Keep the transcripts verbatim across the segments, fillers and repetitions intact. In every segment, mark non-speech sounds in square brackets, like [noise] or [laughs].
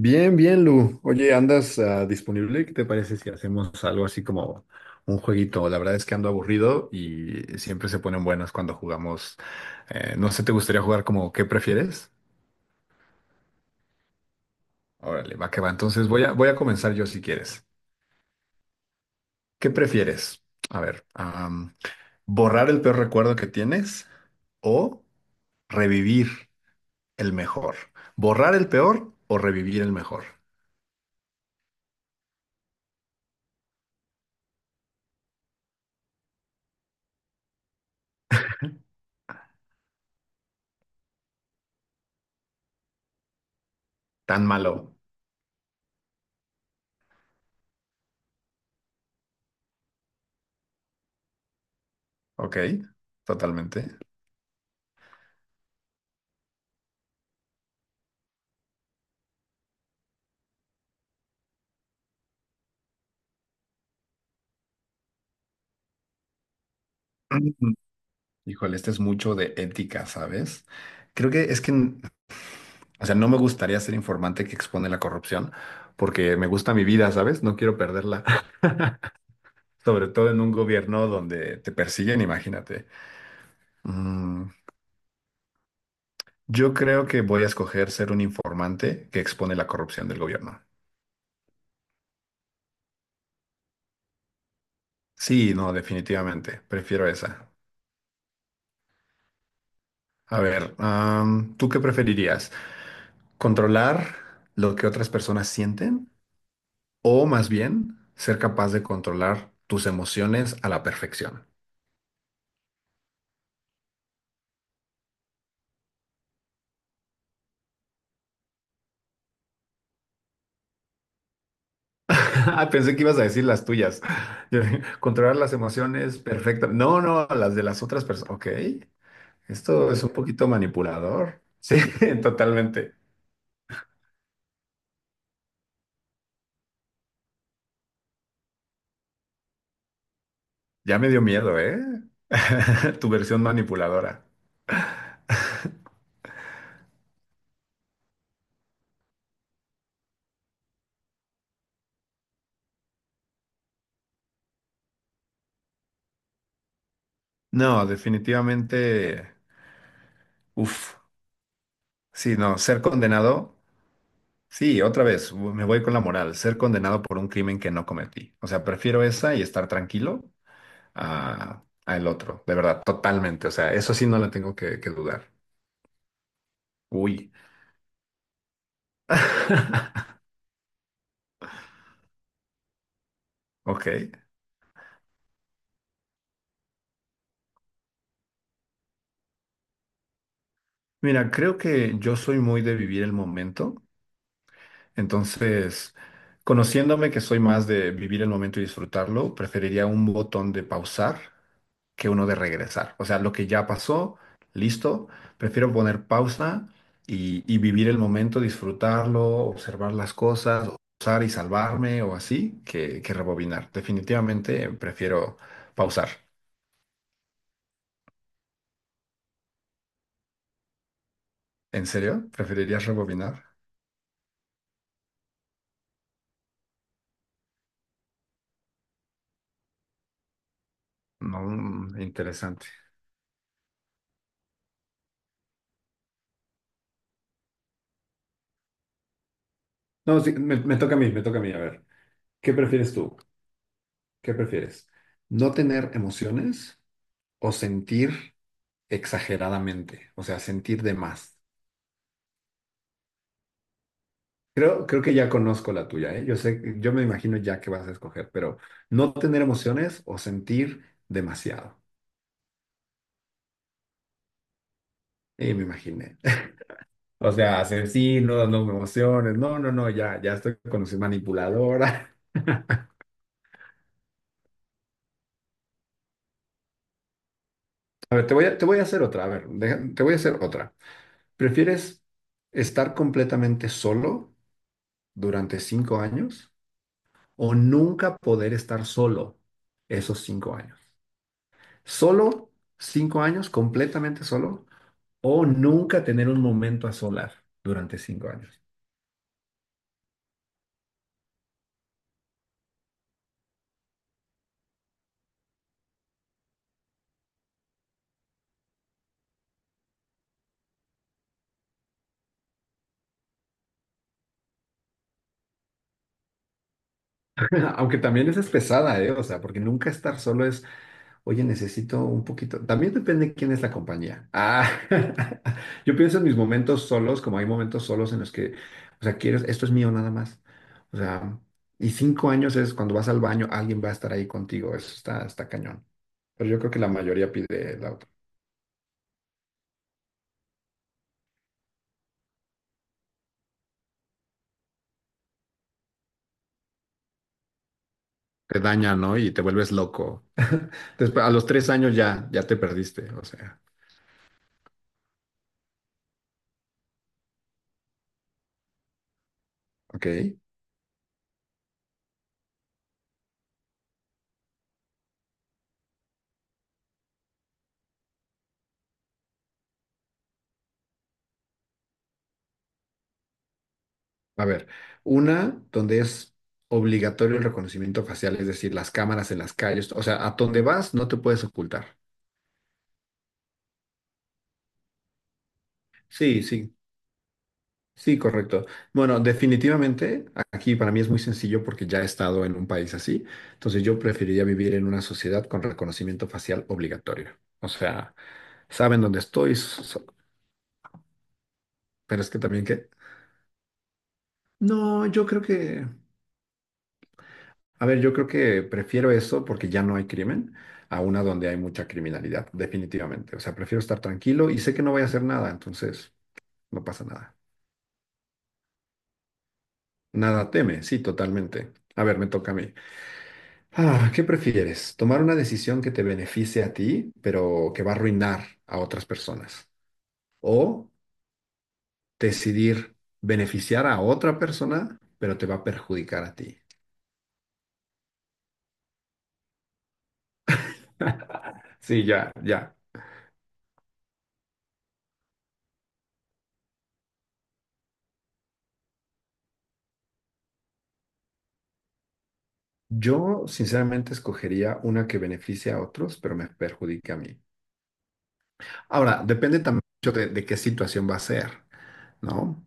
Bien, bien, Lu. Oye, ¿andas ah, disponible? ¿Qué te parece si hacemos algo así como un jueguito? La verdad es que ando aburrido y siempre se ponen buenas cuando jugamos. Eh, no sé, ¿te gustaría jugar como qué prefieres? Órale, va que va. Entonces voy a, voy a comenzar yo si quieres. ¿Qué prefieres? A ver, am, ¿borrar el peor recuerdo que tienes o revivir el mejor? ¿Borrar el peor o revivir el mejor? Tan malo. Ok, totalmente. [clears throat] Híjole, este es mucho de ética, ¿sabes? Creo que es que, o sea, no me gustaría ser informante que expone la corrupción, porque me gusta mi vida, ¿sabes? No quiero perderla, [laughs] sobre todo en un gobierno donde te persiguen, imagínate. Mm, yo creo que voy a escoger ser un informante que expone la corrupción del gobierno. Sí, no, definitivamente, prefiero esa. A ver, am, ¿tú qué preferirías? ¿Controlar lo que otras personas sienten o más bien ser capaz de controlar tus emociones a la perfección? [laughs] Ah, pensé que ibas a decir las tuyas. [laughs] Yo dije, controlar las emociones perfecta. No, no, las de las otras personas. Ok, esto es un poquito manipulador. Sí, [laughs] totalmente. Ya me dio miedo, ¿eh? [laughs] Tu versión manipuladora. No, definitivamente. Uf, sí, no, ser condenado. Sí, otra vez, me voy con la moral, ser condenado por un crimen que no cometí. O sea, prefiero esa y estar tranquilo a, a el otro, de verdad, totalmente. O sea, eso sí no la tengo que, que dudar. Uy. [laughs] Ok. Mira, creo que yo soy muy de vivir el momento. Entonces, conociéndome que soy más de vivir el momento y disfrutarlo, preferiría un botón de pausar que uno de regresar. O sea, lo que ya pasó, listo, prefiero poner pausa y, y vivir el momento, disfrutarlo, observar las cosas, usar y salvarme o así, que, que rebobinar. Definitivamente prefiero pausar. ¿En serio? ¿Preferirías rebobinar? No, mm, interesante. No, sí, me, me toca a mí, me toca a mí. A ver, ¿qué prefieres tú? ¿Qué prefieres? ¿No tener emociones o sentir exageradamente? O sea, sentir de más. Creo, creo que ya conozco la tuya, ¿eh? Yo sé, yo me imagino ya que vas a escoger, pero no tener emociones o sentir demasiado. Y me imaginé. [laughs] O sea, asesinos, no no me emociones. No, no, no, ya, ya estoy con su manipuladora. [laughs] A ver, te voy a, te voy a hacer otra. A ver, deja- te voy a hacer otra. ¿Prefieres estar completamente solo durante cinco años o nunca poder estar solo esos cinco años? Solo cinco años, completamente solo. O nunca tener un momento a solas durante cinco años. [laughs] Aunque también esa es pesada, ¿eh? O sea, porque nunca estar solo es, oye, necesito un poquito. También depende de quién es la compañía. Ah, [laughs] yo pienso en mis momentos solos, como hay momentos solos en los que, o sea, quiero, esto es mío nada más. O sea, y cinco años es cuando vas al baño, alguien va a estar ahí contigo. Eso está, está cañón. Pero yo creo que la mayoría pide la otra. Te daña, ¿no? Y te vuelves loco. Después, a los tres años ya, ya te perdiste. O sea, ok. A ver, una donde es obligatorio el reconocimiento facial, es decir, las cámaras en las calles, o sea, a donde vas no te puedes ocultar. Sí, sí, sí, correcto. Bueno, definitivamente aquí para mí es muy sencillo porque ya he estado en un país así, entonces yo preferiría vivir en una sociedad con reconocimiento facial obligatorio. O sea, saben dónde estoy, s- s- pero es que también que... No, yo creo que... A ver, yo creo que prefiero eso porque ya no hay crimen a una donde hay mucha criminalidad, definitivamente. O sea, prefiero estar tranquilo y sé que no voy a hacer nada, entonces no pasa nada. Nada teme, sí, totalmente. A ver, me toca a mí. Ah, ¿qué prefieres? ¿Tomar una decisión que te beneficie a ti, pero que va a arruinar a otras personas? ¿O decidir beneficiar a otra persona, pero te va a perjudicar a ti? [laughs] Sí, ya, ya. Yo sinceramente escogería una que beneficie a otros, pero me perjudique a mí. Ahora, depende también mucho de, de qué situación va a ser, ¿no?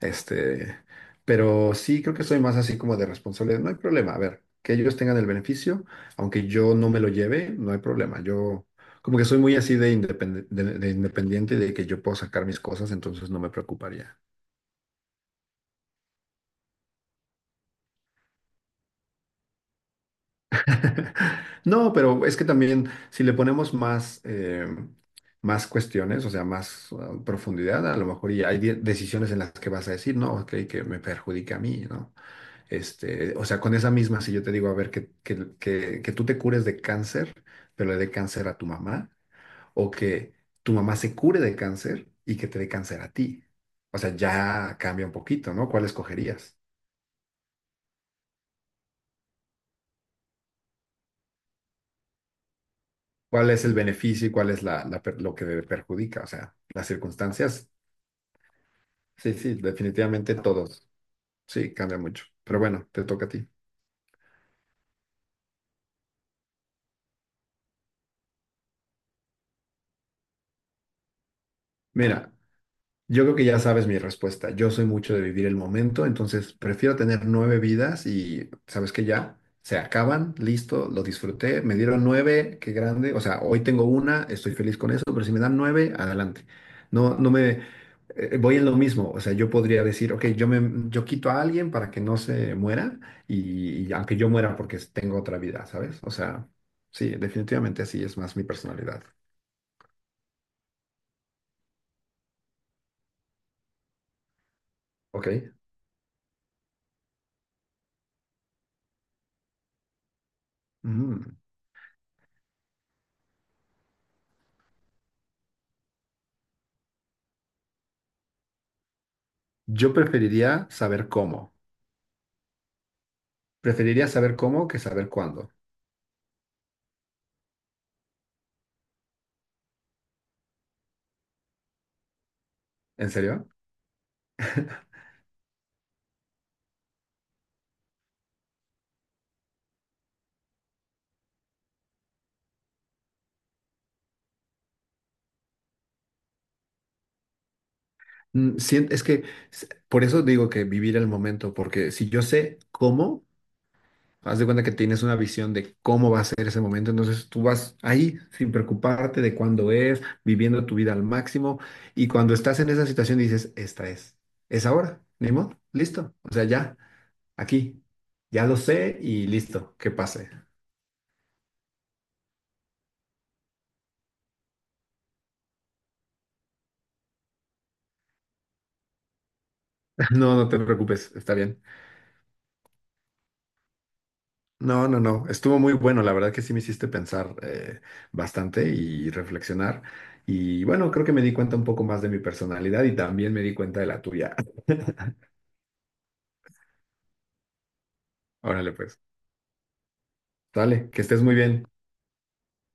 Este, pero sí creo que soy más así como de responsabilidad. No hay problema, a ver, que ellos tengan el beneficio, aunque yo no me lo lleve, no hay problema. Yo como que soy muy así de, independe- de de independiente y de que yo puedo sacar mis cosas, entonces no me preocuparía. [laughs] No, pero es que también si le ponemos más, eh, más cuestiones, o sea, más uh, profundidad, a lo mejor y hay de- decisiones en las que vas a decir, no, ok, que me perjudica a mí, ¿no? Este, o sea, con esa misma, si yo te digo, a ver, que, que, que, que tú te cures de cáncer, pero le dé cáncer a tu mamá, o que tu mamá se cure de cáncer y que te dé cáncer a ti. O sea, ya cambia un poquito, ¿no? ¿Cuál escogerías? Cuál es el beneficio y cuál es la, la per- lo que le perjudica, o sea, las circunstancias. Sí, sí, definitivamente todos. Sí, cambia mucho. Pero bueno, te toca a ti. Mira, yo creo que ya sabes mi respuesta. Yo soy mucho de vivir el momento, entonces prefiero tener nueve vidas y sabes que ya se acaban, listo, lo disfruté, me dieron nueve, qué grande. O sea, hoy tengo una, estoy feliz con eso, pero si me dan nueve, adelante. No, no me eh, voy en lo mismo. O sea, yo podría decir, ok, yo me yo quito a alguien para que no se muera y, y aunque yo muera porque tengo otra vida, ¿sabes? O sea, sí, definitivamente así es más mi personalidad. Ok. Mm. Yo preferiría saber cómo. Preferiría saber cómo que saber cuándo. ¿En serio? Mm, sien- es que s- por eso digo que vivir el momento, porque si yo sé cómo, haz de cuenta que tienes una visión de cómo va a ser ese momento, entonces tú vas ahí sin preocuparte de cuándo es, viviendo tu vida al máximo, y cuando estás en esa situación dices, esta es, es ahora, ni modo, listo, o sea, ya, aquí, ya lo sé y listo, que pase. [laughs] No, no te preocupes, está bien. No, no, no. Estuvo muy bueno. La verdad que sí me hiciste pensar eh, bastante y reflexionar. Y bueno, creo que me di cuenta un poco más de mi personalidad y también me di cuenta de la tuya. [laughs] Órale, pues. Dale, que estés muy bien.